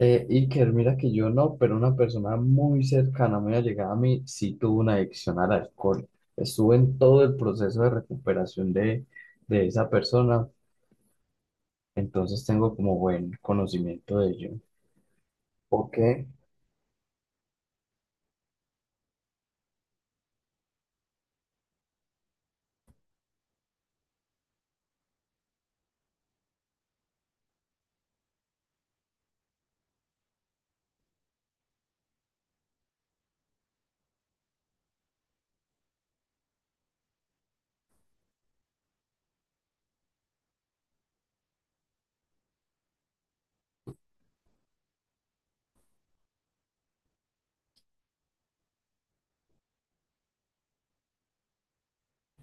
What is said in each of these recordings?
Iker, mira que yo no, pero una persona muy cercana, muy allegada a mí, sí tuvo una adicción al alcohol. Estuve en todo el proceso de recuperación de esa persona, entonces tengo como buen conocimiento de ello. Ok.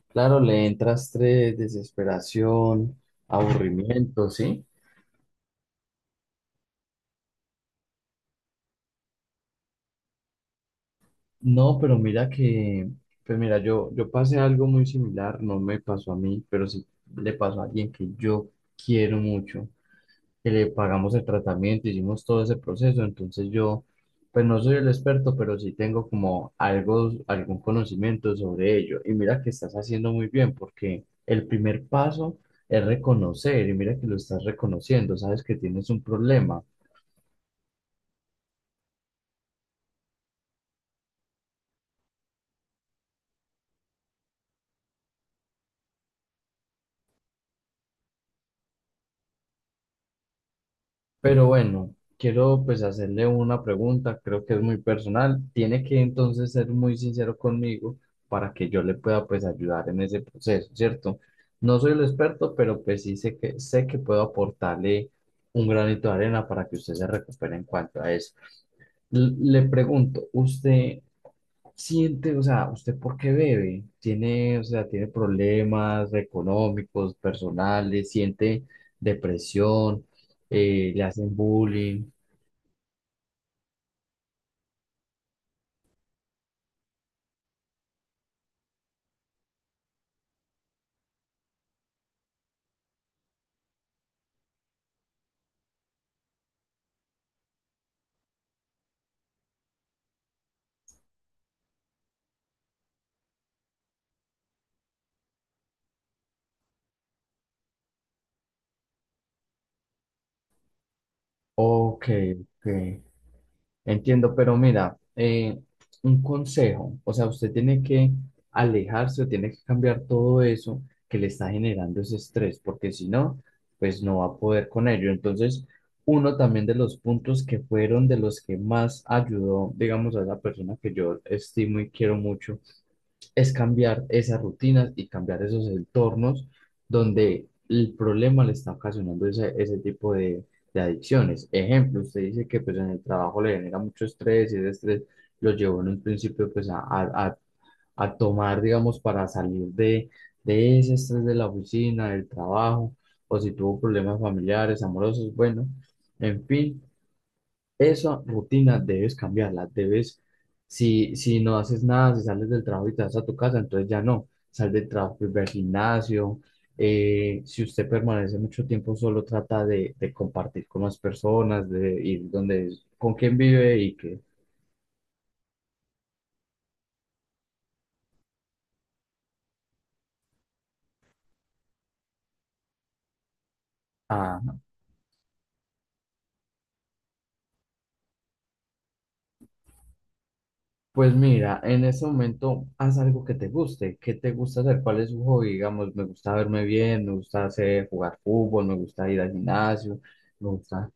Claro, le entra estrés, desesperación, aburrimiento, ¿sí? No, pero mira que, pues mira, yo pasé algo muy similar, no me pasó a mí, pero sí le pasó a alguien que yo quiero mucho. Que le pagamos el tratamiento, hicimos todo ese proceso, entonces yo, pues no soy el experto, pero sí tengo como algo, algún conocimiento sobre ello. Y mira que estás haciendo muy bien, porque el primer paso es reconocer, y mira que lo estás reconociendo, sabes que tienes un problema. Pero bueno, quiero pues hacerle una pregunta, creo que es muy personal. Tiene que entonces ser muy sincero conmigo para que yo le pueda pues ayudar en ese proceso, ¿cierto? No soy el experto, pero pues sí sé que puedo aportarle un granito de arena para que usted se recupere en cuanto a eso. Le pregunto, ¿usted siente, o sea, ¿usted por qué bebe? Tiene, o sea, tiene problemas económicos, personales, siente depresión, le hacen bullying. Ok, ok. Entiendo, pero mira, un consejo, o sea, usted tiene que alejarse o tiene que cambiar todo eso que le está generando ese estrés, porque si no, pues no va a poder con ello. Entonces, uno también de los puntos que fueron de los que más ayudó, digamos, a esa persona que yo estimo y quiero mucho, es cambiar esas rutinas y cambiar esos entornos donde el problema le está ocasionando ese, ese tipo de adicciones. Ejemplo, usted dice que pues en el trabajo le genera mucho estrés y ese estrés lo llevó en un principio pues a tomar, digamos, para salir de ese estrés de la oficina, del trabajo, o si tuvo problemas familiares, amorosos, bueno, en fin, esa rutina debes cambiarla, debes, si no haces nada, si sales del trabajo y te vas a tu casa, entonces ya no, sal del trabajo, pues, ve al gimnasio. Si usted permanece mucho tiempo solo, trata de compartir con las personas, de ir donde, con quién vive y que, ah, pues mira, en ese momento haz algo que te guste. ¿Qué te gusta hacer? ¿Cuál es su hobby? Digamos, me gusta verme bien, me gusta hacer, jugar fútbol, me gusta ir al gimnasio, me gusta,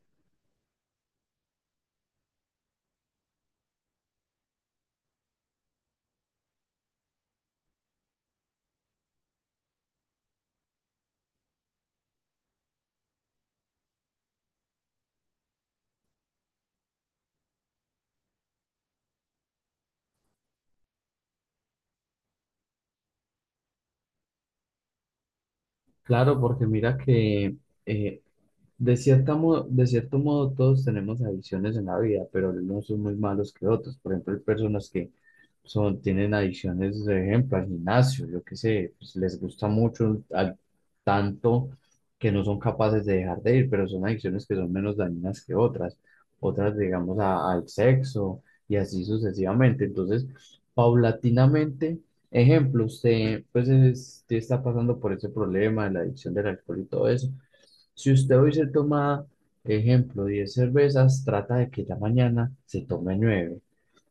claro, porque mira que eh, de cierta de cierto modo, todos tenemos adicciones en la vida, pero algunos son muy malos que otros. Por ejemplo, hay personas que son, tienen adicciones, por ejemplo, al gimnasio, yo qué sé, pues les gusta mucho, a tanto que no son capaces de dejar de ir, pero son adicciones que son menos dañinas que otras, otras digamos al sexo y así sucesivamente. Entonces, paulatinamente, ejemplo, usted pues usted está pasando por ese problema de la adicción del alcohol y todo eso. Si usted hoy se toma, ejemplo, 10 cervezas, trata de que ya mañana se tome 9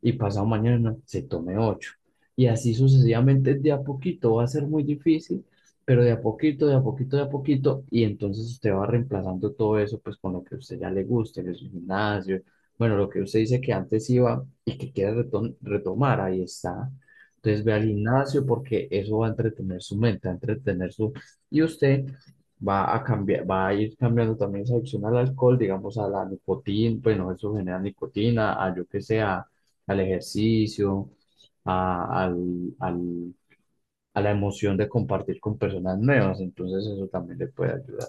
y pasado mañana se tome ocho. Y así sucesivamente, de a poquito va a ser muy difícil, pero de a poquito, de a poquito, de a poquito, y entonces usted va reemplazando todo eso pues con lo que a usted ya le guste, el gimnasio, bueno, lo que usted dice que antes iba y que quiere retomar, ahí está. Entonces ve al gimnasio porque eso va a entretener su mente, va a entretener su... Y usted va a cambiar, va a ir cambiando también esa adicción al alcohol, digamos a la nicotina, bueno, eso genera nicotina, a yo que sea, al ejercicio, al a la emoción de compartir con personas nuevas, entonces eso también le puede ayudar.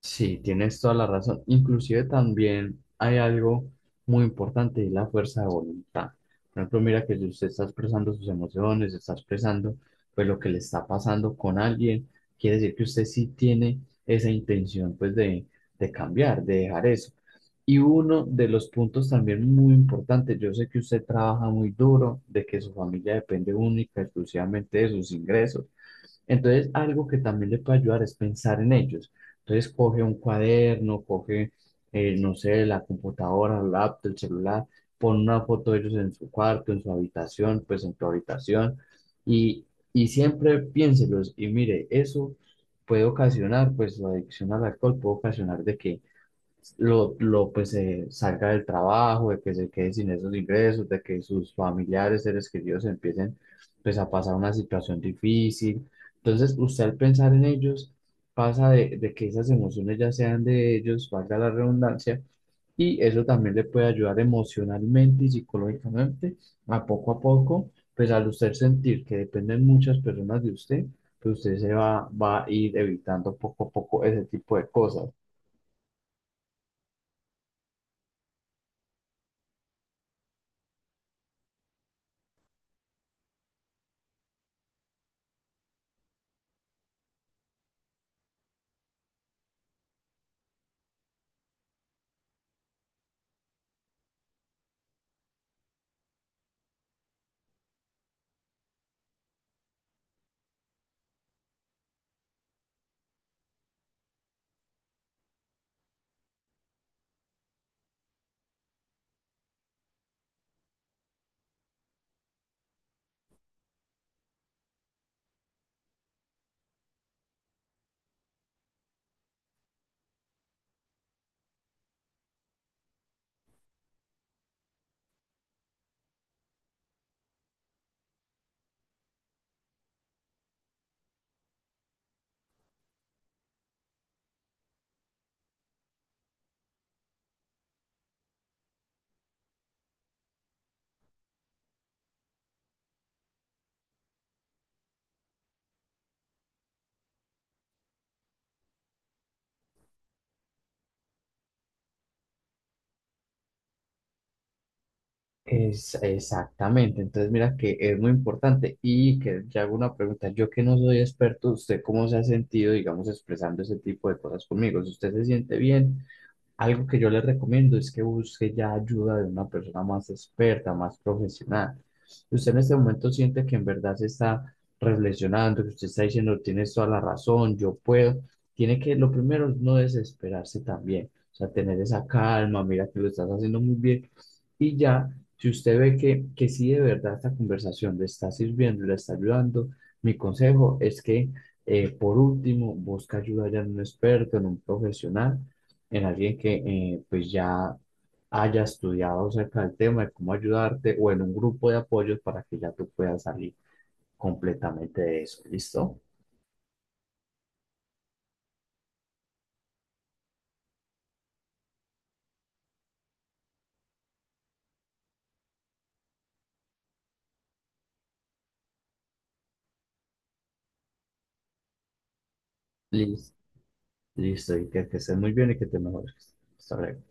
Sí, tienes toda la razón. Inclusive también hay algo muy importante y es la fuerza de voluntad. Por ejemplo, mira que si usted está expresando sus emociones, está expresando pues lo que le está pasando con alguien, quiere decir que usted sí tiene esa intención pues de cambiar, de dejar eso. Y uno de los puntos también muy importantes, yo sé que usted trabaja muy duro, de que su familia depende única, exclusivamente de sus ingresos, entonces, algo que también le puede ayudar es pensar en ellos. Entonces, coge un cuaderno, coge, no sé, la computadora, el laptop, el celular, pon una foto de ellos en su cuarto, en su habitación, pues en tu habitación, y, y siempre piénselos. Y mire, eso puede ocasionar, pues la adicción al alcohol puede ocasionar de que lo pues salga del trabajo, de que se quede sin esos ingresos, de que sus familiares, seres queridos empiecen pues a pasar una situación difícil. Entonces, usted al pensar en ellos pasa de que esas emociones ya sean de ellos, valga la redundancia, y eso también le puede ayudar emocionalmente y psicológicamente a poco, pues al usted sentir que dependen muchas personas de usted, pues usted se va, va a ir evitando poco a poco ese tipo de cosas. Es, exactamente, entonces mira que es muy importante y que ya hago una pregunta, yo que no soy experto, ¿usted cómo se ha sentido, digamos, expresando ese tipo de cosas conmigo? Si ¿Usted se siente bien? Algo que yo les recomiendo es que busque ya ayuda de una persona más experta, más profesional. Si usted en este momento siente que en verdad se está reflexionando, que usted está diciendo, tienes toda la razón, yo puedo. Tiene que, lo primero es no desesperarse también, o sea, tener esa calma, mira que lo estás haciendo muy bien. Y ya, si usted ve que sí de verdad esta conversación le está sirviendo, le está ayudando, mi consejo es que, por último, busque ayuda ya en un experto, en un profesional, en alguien que pues ya haya estudiado acerca del tema de cómo ayudarte o en un grupo de apoyos para que ya tú puedas salir completamente de eso. ¿Listo? Listo. Listo. Y que estés muy bien y que te mejores. Hasta luego.